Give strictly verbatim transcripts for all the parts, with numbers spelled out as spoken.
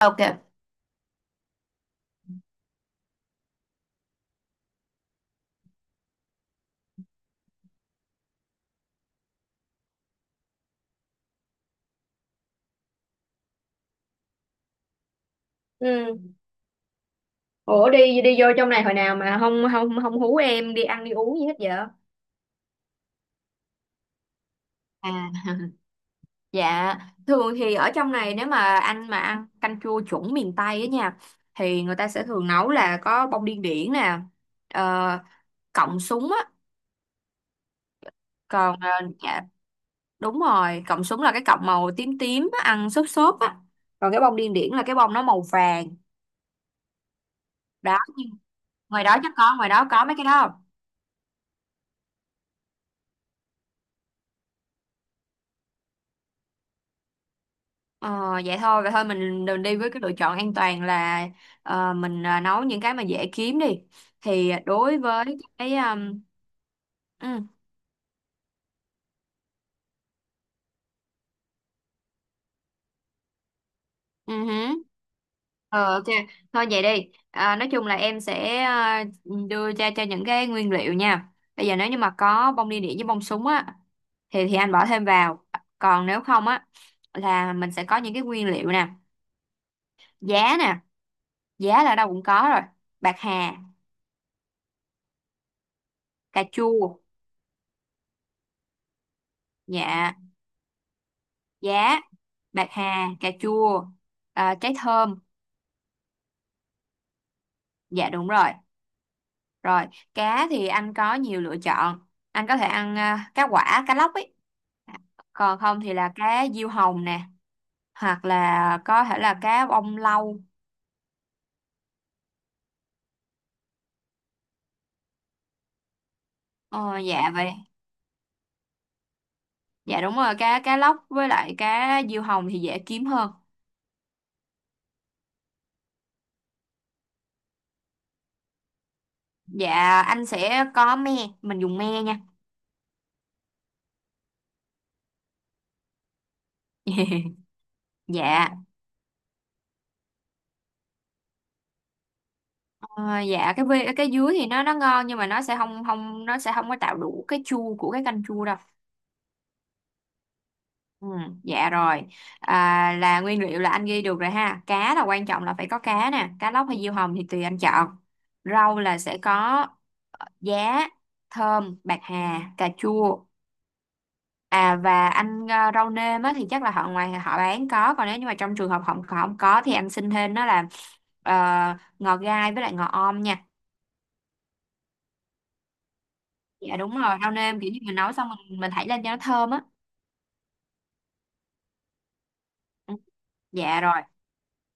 Ok. Ừ. Ủa đi đi vô trong này hồi nào mà không không không hú em đi ăn đi uống gì hết vậy? À, dạ, thường thì ở trong này nếu mà anh mà ăn canh chua chuẩn miền Tây á nha thì người ta sẽ thường nấu là có bông điên điển nè, ờ, cọng súng á, còn ờ, dạ đúng rồi, cọng súng là cái cọng màu tím tím á, ăn xốp xốp á. Còn cái bông điên điển là cái bông nó màu vàng. Đó, nhưng ngoài đó chắc có, ngoài đó có mấy cái đó không? Ờ, vậy thôi, vậy thôi mình đừng đi với cái lựa chọn an toàn là ờ, mình ờ, nấu những cái mà dễ kiếm đi. Thì đối với cái um, ừ, ừ hứ. Ờ, ok, thôi vậy đi. À, nói chung là em sẽ à, đưa cho cho những cái nguyên liệu nha. Bây giờ nếu như mà có bông đi đĩa với bông súng á thì thì anh bỏ thêm vào. Còn nếu không á là mình sẽ có những cái nguyên liệu nè, giá nè, giá là ở đâu cũng có rồi. Bạc hà, cà chua, dạ, giá bạc hà cà chua à, trái thơm, dạ đúng rồi. Rồi, cá thì anh có nhiều lựa chọn, anh có thể ăn à, cá quả, cá lóc ấy. Dạ. Còn không thì là cá diêu hồng nè, hoặc là có thể là cá bông lau. ờ, dạ vậy, dạ đúng rồi, cá cá lóc với lại cá diêu hồng thì dễ kiếm hơn. Dạ anh sẽ có me, mình dùng me nha. Dạ. Ờ, dạ cái vi- cái dưới thì nó nó ngon, nhưng mà nó sẽ không không nó sẽ không có tạo đủ cái chua của cái canh chua đâu. Ừ, dạ rồi. À, là nguyên liệu là anh ghi được rồi ha, cá là quan trọng, là phải có cá nè, cá lóc hay diêu hồng thì tùy anh chọn. Rau là sẽ có ờ, giá, thơm, bạc hà, cà chua, à và anh ờ, rau nêm á, thì chắc là họ ngoài họ bán có, còn nếu như mà trong trường hợp họ họ không có thì anh xin thêm đó là ờ, ngò gai với lại ngò om nha. Dạ đúng rồi, rau nêm kiểu như mình nấu xong mình mình thảy lên cho nó thơm á. Ừ. Dạ rồi.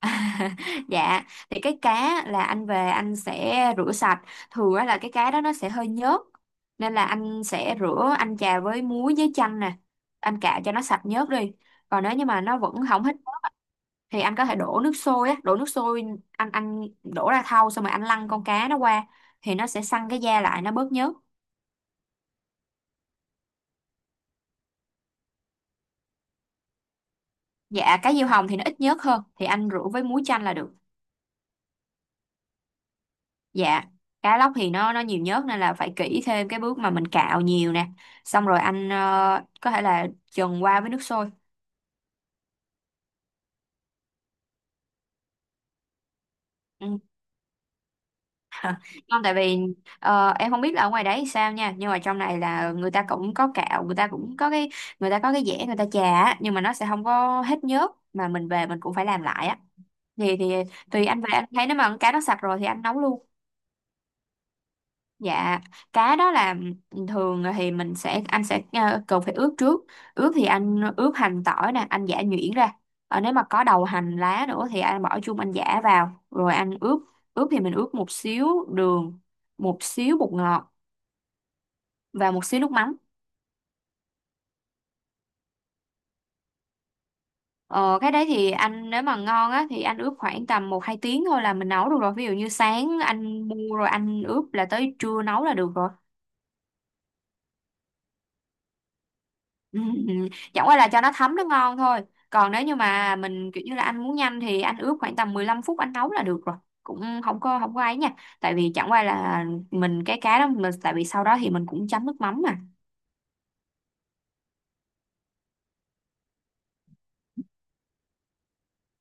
Dạ, thì cái cá là anh về anh sẽ rửa sạch. Thường á là cái cá đó nó sẽ hơi nhớt, nên là anh sẽ rửa, anh chà với muối với chanh nè, anh cạo cho nó sạch nhớt đi. Còn nếu như mà nó vẫn không hết nhớt thì anh có thể đổ nước sôi á, đổ nước sôi, anh anh đổ ra thau, xong rồi anh lăn con cá nó qua thì nó sẽ săn cái da lại, nó bớt nhớt. Dạ cá diêu hồng thì nó ít nhớt hơn, thì anh rửa với muối chanh là được. Dạ, cá lóc thì nó nó nhiều nhớt nên là phải kỹ thêm cái bước mà mình cạo nhiều nè. Xong rồi anh ờ, có thể là trần qua với nước sôi. Ừ. Không, tại vì ờ, em không biết là ở ngoài đấy sao nha, nhưng mà trong này là người ta cũng có cạo, người ta cũng có cái, người ta có cái dẻ người ta chà á, nhưng mà nó sẽ không có hết nhớt mà mình về mình cũng phải làm lại á. Thì thì tùy anh, về anh thấy nếu mà con cá nó sạch rồi thì anh nấu luôn. Dạ, cá đó là thường thì mình sẽ anh sẽ ờ, cần phải ướp trước. Ướp thì anh ướp hành tỏi nè, anh giã nhuyễn ra. Ờ, nếu mà có đầu hành lá nữa thì anh bỏ chung anh giã vào rồi anh ướp. Ướp thì mình ướp một xíu đường, một xíu bột ngọt và một xíu nước mắm. Ờ, cái đấy thì anh nếu mà ngon á thì anh ướp khoảng tầm một hai tiếng thôi là mình nấu được rồi. Ví dụ như sáng anh mua rồi anh ướp là tới trưa nấu là được rồi. Ừ, ừ, chẳng qua là cho nó thấm nó ngon thôi. Còn nếu như mà mình kiểu như là anh muốn nhanh thì anh ướp khoảng tầm mười lăm phút anh nấu là được rồi, cũng không có, không có ấy nha, tại vì chẳng qua là mình cái cá đó mình, tại vì sau đó thì mình cũng chấm nước mắm mà.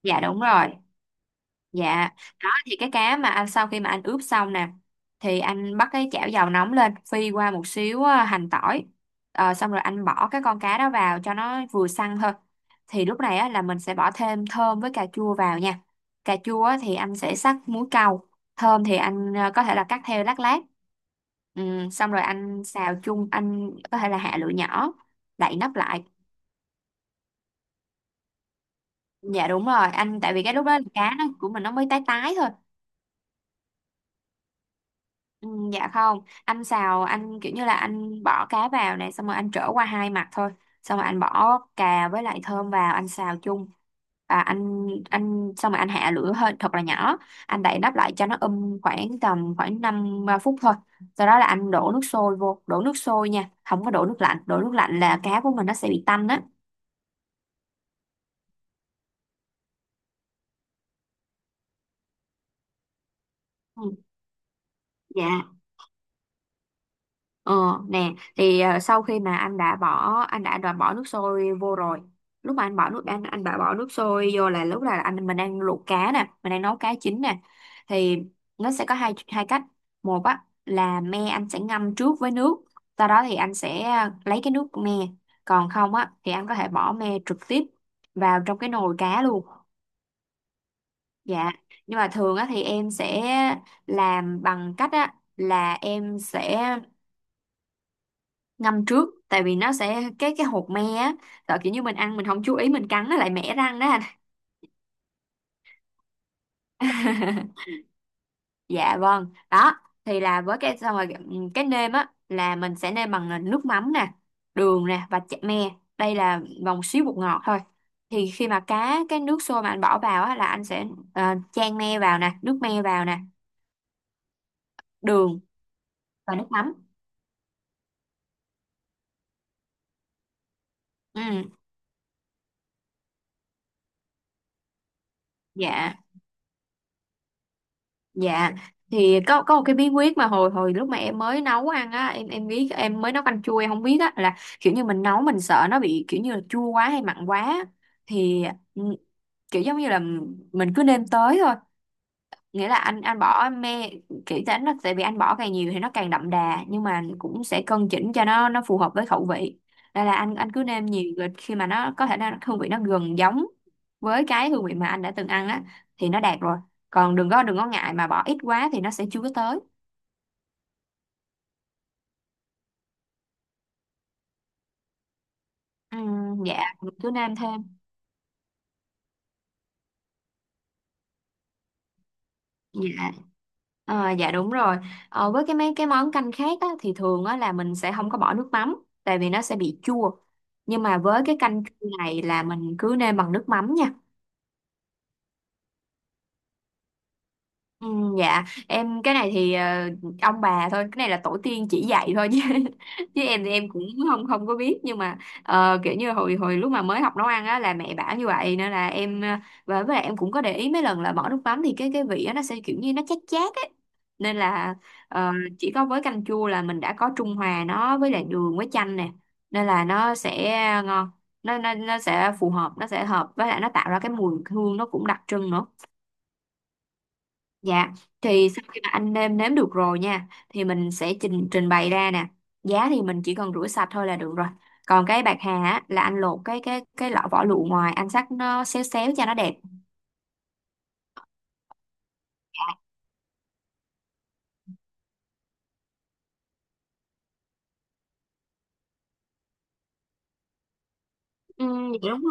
Dạ đúng rồi. Dạ, đó thì cái cá mà anh sau khi mà anh ướp xong nè, thì anh bắt cái chảo dầu nóng lên, phi qua một xíu ờ, hành tỏi. Ờ, xong rồi anh bỏ cái con cá đó vào cho nó vừa săn thôi. Thì lúc này á, là mình sẽ bỏ thêm thơm với cà chua vào nha. Cà chua á, thì anh sẽ sắc muối câu, thơm thì anh ờ, có thể là cắt theo lát lát. Ừ, xong rồi anh xào chung, anh có thể là hạ lửa nhỏ, đậy nắp lại. Dạ đúng rồi, anh tại vì cái lúc đó là cá nó của mình nó mới tái tái thôi. Ừ, dạ không, anh xào anh kiểu như là anh bỏ cá vào này xong rồi anh trở qua hai mặt thôi, xong rồi anh bỏ cà với lại thơm vào anh xào chung, à, anh anh xong rồi anh hạ lửa hơi thật là nhỏ, anh đậy nắp lại cho nó um khoảng tầm khoảng năm phút thôi, sau đó là anh đổ nước sôi vô, đổ nước sôi nha, không có đổ nước lạnh, đổ nước lạnh là cá của mình nó sẽ bị tanh á. Ừ, dạ. Ờ, nè thì ờ, sau khi mà anh đã bỏ, anh đã, đã bỏ nước sôi vô rồi, lúc mà anh bỏ nước anh anh đã bỏ nước sôi vô là lúc là anh mình đang luộc cá nè, mình đang nấu cá chín nè, thì nó sẽ có hai hai cách. Một á là me anh sẽ ngâm trước với nước, sau đó thì anh sẽ ờ, lấy cái nước me. Còn không á thì anh có thể bỏ me trực tiếp vào trong cái nồi cá luôn. Dạ, nhưng mà thường á thì em sẽ làm bằng cách á là em sẽ ngâm trước, tại vì nó sẽ cái cái hột me á, sợ kiểu như mình ăn mình không chú ý mình cắn nó lại mẻ răng đó anh. Dạ vâng, đó thì là với cái xong rồi ừm, cái nêm á là mình sẽ nêm bằng là nước mắm nè, đường nè và chả me, đây là vòng xíu bột ngọt thôi. Thì khi mà cá cái nước sôi mà anh bỏ vào á là anh sẽ ờ, chan me vào nè, nước me vào nè, đường và nước mắm. Ừ. Dạ. Dạ thì có có một cái bí quyết mà hồi hồi lúc mà em mới nấu ăn á, em em biết em mới nấu canh chua em không biết á là kiểu như mình nấu mình sợ nó bị kiểu như là chua quá hay mặn quá, thì ừ, kiểu giống như là mình cứ nêm tới thôi, nghĩa là anh anh bỏ mê kỹ tính là tại vì anh bỏ càng nhiều thì nó càng đậm đà, nhưng mà cũng sẽ cân chỉnh cho nó nó phù hợp với khẩu vị. Đây là anh anh cứ nêm nhiều, rồi khi mà nó có thể nó hương vị nó gần giống với cái hương vị mà anh đã từng ăn á thì nó đạt rồi, còn đừng có, đừng có ngại mà bỏ ít quá thì nó sẽ chưa có tới. Ừ, dạ, cứ nêm thêm. Dạ. Ờ, dạ đúng rồi. Ờ, với cái mấy cái món canh khác á, thì thường á, là mình sẽ không có bỏ nước mắm tại vì nó sẽ bị chua. Nhưng mà với cái canh chua này là mình cứ nêm bằng nước mắm nha. Ừ, dạ em cái này thì ờ, ông bà thôi, cái này là tổ tiên chỉ dạy thôi chứ chứ em thì em cũng không không có biết, nhưng mà ờ, kiểu như hồi hồi lúc mà mới học nấu ăn á là mẹ bảo như vậy, nên là em ờ, và với lại em cũng có để ý mấy lần là bỏ nước mắm thì cái cái vị á nó sẽ kiểu như nó chát chát ấy, nên là ờ, chỉ có với canh chua là mình đã có trung hòa nó với lại đường với chanh nè, nên là nó sẽ ngon, nó nó nó sẽ phù hợp, nó sẽ hợp với lại nó tạo ra cái mùi hương nó cũng đặc trưng nữa. Dạ, thì sau khi mà anh nêm nếm được rồi nha, thì mình sẽ trình trình bày ra nè. Giá thì mình chỉ cần rửa sạch thôi là được rồi. Còn cái bạc hà á, là anh lột cái cái cái lọ vỏ lụa ngoài, anh xắt nó xéo xéo cho nó đẹp. Ừ, dạ đúng.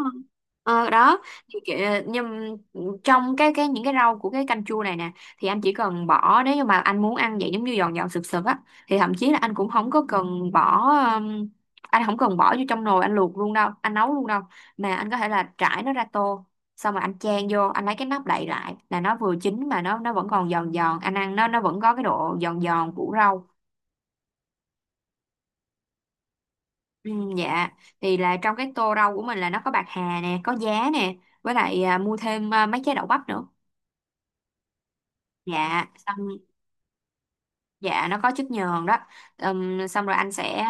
Ờ, đó thì kiểu, nhưng trong cái cái những cái rau của cái canh chua này nè thì anh chỉ cần bỏ nếu như mà anh muốn ăn vậy giống như giòn giòn sực sực á, thì thậm chí là anh cũng không có cần bỏ um, anh không cần bỏ vô trong nồi anh luộc luôn đâu, anh nấu luôn đâu, mà anh có thể là trải nó ra tô, xong rồi anh chan vô, anh lấy cái nắp đậy lại là nó vừa chín mà nó nó vẫn còn giòn giòn, anh ăn nó nó vẫn có cái độ giòn giòn của rau. Ừ, dạ, thì là trong cái tô rau của mình là nó có bạc hà nè, có giá nè, với lại à, mua thêm à, mấy trái đậu bắp nữa. Dạ xong, dạ nó có chất nhờn đó. Ừm, xong rồi anh sẽ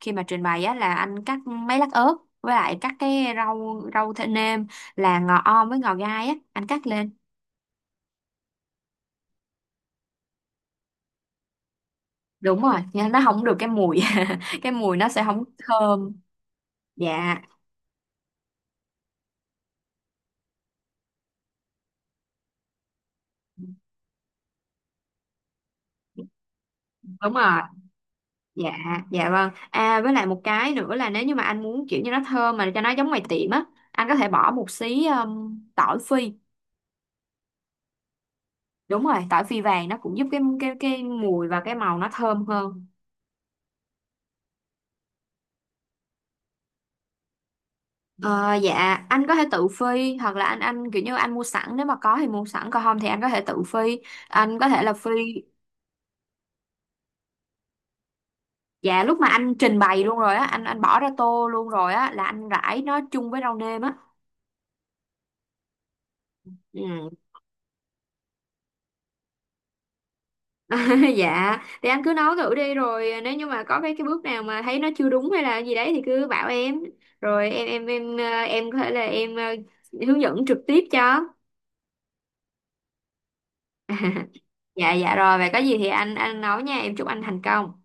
khi mà trình bày á là anh cắt mấy lát ớt, với lại cắt cái rau rau thơm nêm là ngò om với ngò gai á anh cắt lên. Đúng rồi nha, nó không được cái mùi cái mùi nó sẽ không thơm. Dạ đúng rồi. Dạ, dạ vâng, à với lại một cái nữa là nếu như mà anh muốn kiểu như nó thơm mà cho nó giống ngoài tiệm á, anh có thể bỏ một xí ừm, tỏi phi. Đúng rồi, tỏi phi vàng nó cũng giúp cái cái cái mùi và cái màu nó thơm hơn. Ờ, dạ anh có thể tự phi hoặc là anh anh kiểu như anh mua sẵn, nếu mà có thì mua sẵn, còn không thì anh có thể tự phi, anh có thể là phi. Dạ lúc mà anh trình bày luôn rồi á anh anh bỏ ra tô luôn rồi á là anh rải nó chung với rau nêm á. Ừ. Dạ thì anh cứ nấu thử đi, rồi nếu như mà có cái cái bước nào mà thấy nó chưa đúng hay là gì đấy thì cứ bảo em, rồi em em em ờ, em có thể là em ờ, hướng dẫn trực tiếp cho. Dạ dạ rồi, vậy có gì thì anh anh nấu nha, em chúc anh thành công.